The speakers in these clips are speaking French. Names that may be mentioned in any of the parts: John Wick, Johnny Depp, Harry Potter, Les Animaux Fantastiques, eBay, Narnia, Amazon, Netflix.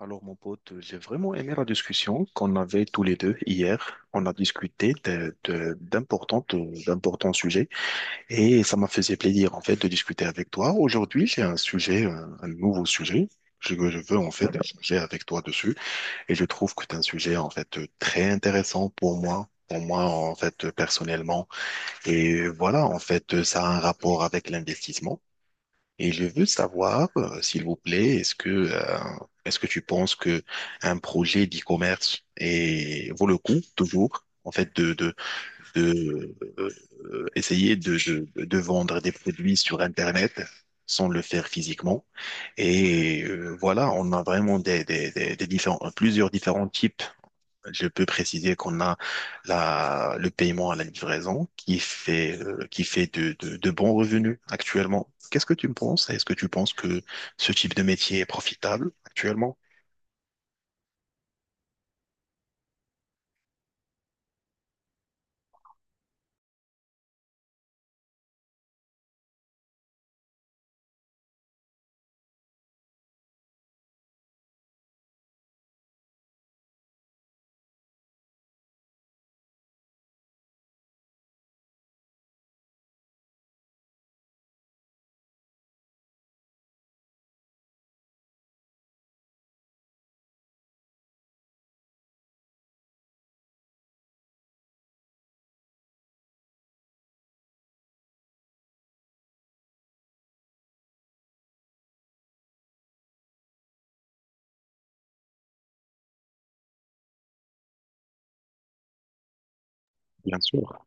Alors, mon pote, j'ai vraiment aimé la discussion qu'on avait tous les deux hier. On a discuté d'importants sujets et ça m'a fait plaisir, en fait, de discuter avec toi. Aujourd'hui, j'ai un sujet, un nouveau sujet que je veux, en fait, échanger avec toi dessus et je trouve que c'est un sujet, en fait, très intéressant pour moi. Pour moi, en fait, personnellement. Et voilà, en fait, ça a un rapport avec l'investissement. Et je veux savoir, s'il vous plaît, est-ce que tu penses que un projet d'e-commerce vaut le coup toujours, en fait, de essayer de vendre des produits sur Internet sans le faire physiquement. Et voilà, on a vraiment plusieurs différents types, je peux préciser qu'on a le paiement à la livraison qui fait de bons revenus actuellement. Qu'est-ce que tu me penses? Est-ce que tu penses que ce type de métier est profitable actuellement? Bien sûr,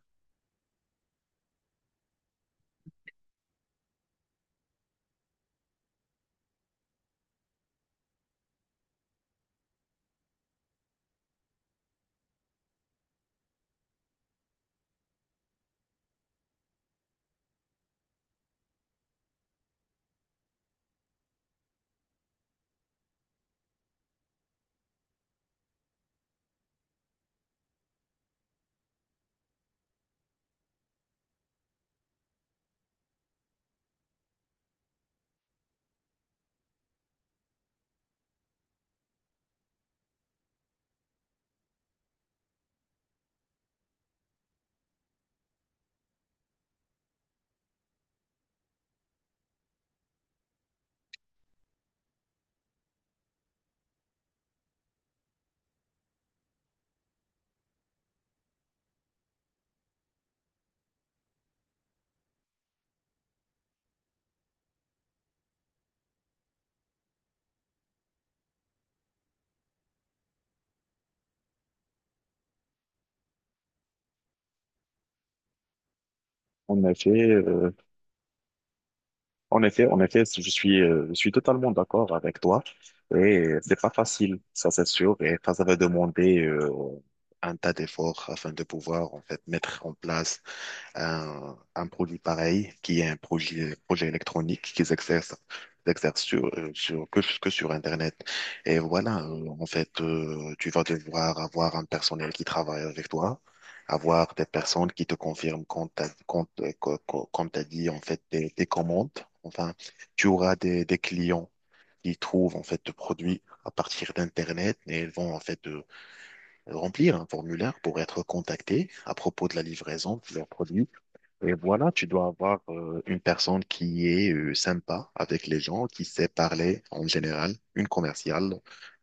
en effet, en effet, je suis totalement d'accord avec toi. Et c'est pas facile, ça c'est sûr. Et ça va demander, un tas d'efforts afin de pouvoir en fait mettre en place un produit pareil qui est un projet, projet électronique qu'ils exercent que sur Internet. Et voilà, en fait, tu vas devoir avoir un personnel qui travaille avec toi, avoir des personnes qui te confirment quand t'as, quand, co- co- comme t'as dit, en fait, tes commandes. Enfin, tu auras des clients qui trouvent, en fait, de produits à partir d'Internet et ils vont, en fait, remplir un formulaire pour être contactés à propos de la livraison de leurs produits. Et voilà, tu dois avoir une personne qui est sympa avec les gens, qui sait parler en général, une commerciale,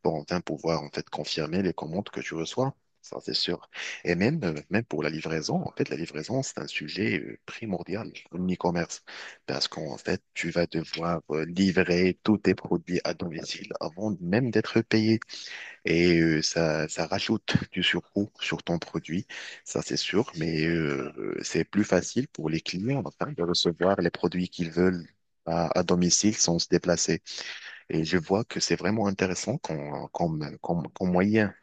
pour enfin pouvoir en fait confirmer les commandes que tu reçois. Ça, c'est sûr. Et même, même pour la livraison, en fait, la livraison, c'est un sujet primordial en e-commerce. Parce qu'en fait, tu vas devoir livrer tous tes produits à domicile avant même d'être payé. Et ça, ça rajoute du surcoût sur ton produit, ça c'est sûr, mais c'est plus facile pour les clients enfin, de recevoir les produits qu'ils veulent à domicile sans se déplacer. Et je vois que c'est vraiment intéressant comme moyen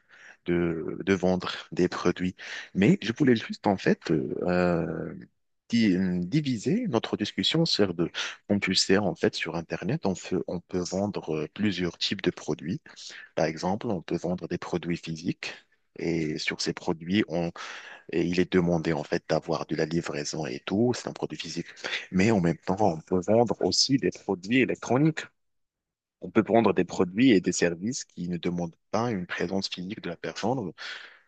de vendre des produits. Mais je voulais juste en fait di- diviser notre discussion sur deux. Comme tu le sais, en fait, sur Internet, on peut vendre plusieurs types de produits. Par exemple, on peut vendre des produits physiques et sur ces produits, et il est demandé en fait d'avoir de la livraison et tout. C'est un produit physique. Mais en même temps, on peut vendre aussi des produits électroniques. On peut vendre des produits et des services qui ne demandent pas une présence physique de la personne,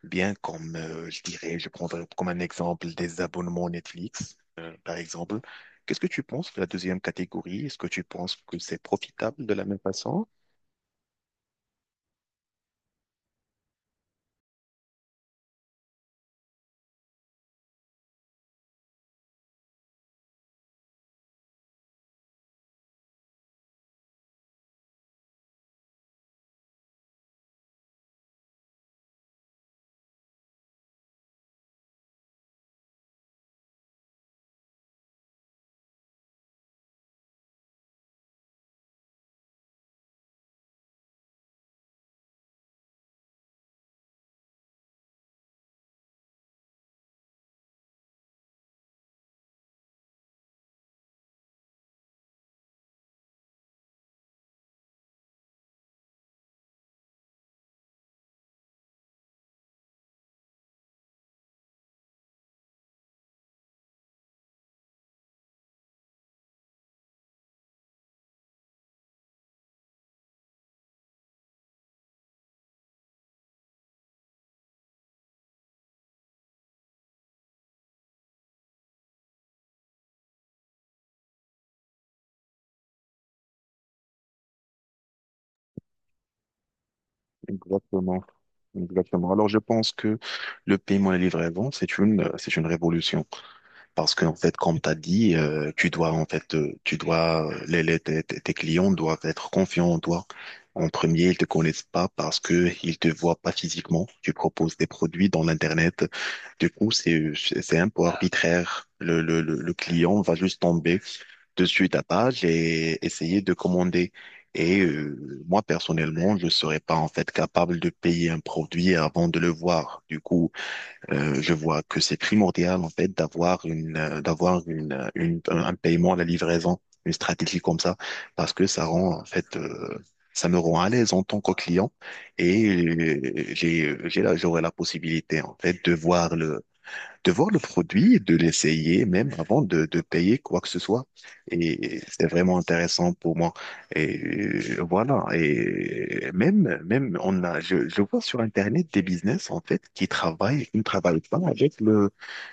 bien comme, je dirais, je prendrais comme un exemple des abonnements Netflix, par exemple. Qu'est-ce que tu penses de la deuxième catégorie? Est-ce que tu penses que c'est profitable de la même façon? Exactement. Exactement. Alors, je pense que le paiement à la livraison, c'est une révolution. Parce que en fait, comme tu as dit, tu dois, tes clients doivent être confiants en toi. En premier, ils te connaissent pas parce que ils te voient pas physiquement. Tu proposes des produits dans l'Internet. Du coup, c'est un peu arbitraire. Le le client va juste tomber dessus ta page et essayer de commander. Et moi, personnellement, je ne serais pas en fait capable de payer un produit avant de le voir. Du coup, je vois que c'est primordial en fait d'avoir une, un paiement à la livraison, une stratégie comme ça, parce que ça rend en fait, ça me rend à l'aise en tant que client et j'aurai la possibilité en fait de voir le produit, et de l'essayer même avant de payer quoi que ce soit. Et c'est vraiment intéressant pour moi. Et voilà. Et même, même, je vois sur Internet des business, en fait, qui travaillent, qui ne travaillent pas avec le,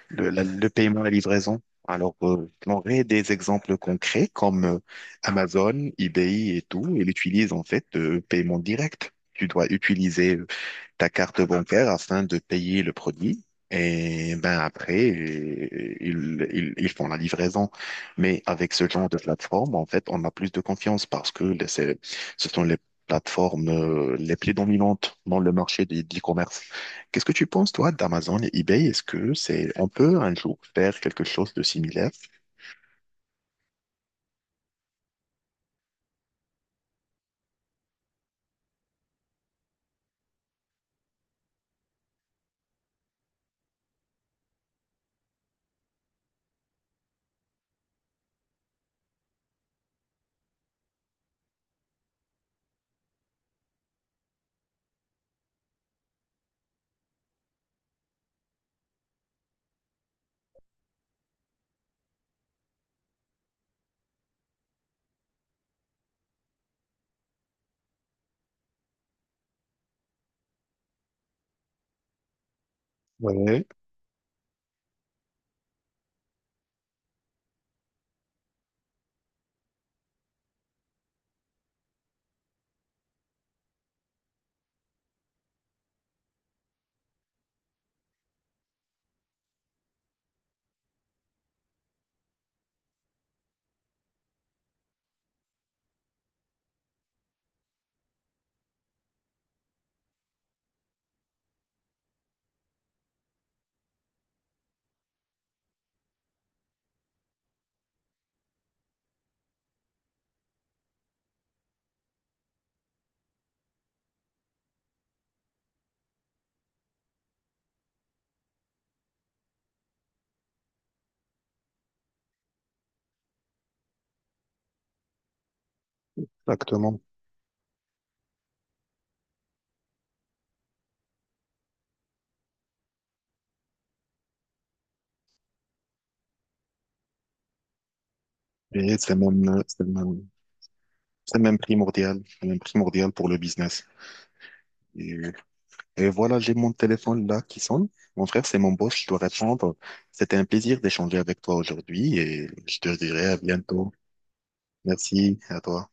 le, la- le paiement à la livraison. Alors, j'aurais des exemples concrets comme Amazon, eBay et tout, ils utilisent en fait de paiement direct. Tu dois utiliser ta carte bancaire afin de payer le produit. Et ben après, ils font la livraison. Mais avec ce genre de plateforme, en fait, on a plus de confiance parce que ce sont les plateformes les plus dominantes dans le marché de l'e-commerce. Qu'est-ce que tu penses, toi, d'Amazon et eBay? Est-ce que c'est, on peut un jour faire quelque chose de similaire? Ouais, exactement. Et c'est même, c'est même, c'est même primordial pour le business. Et Et voilà, j'ai mon téléphone là qui sonne. Mon frère, c'est mon boss, je dois répondre. C'était un plaisir d'échanger avec toi aujourd'hui et je te dirai à bientôt. Merci à toi.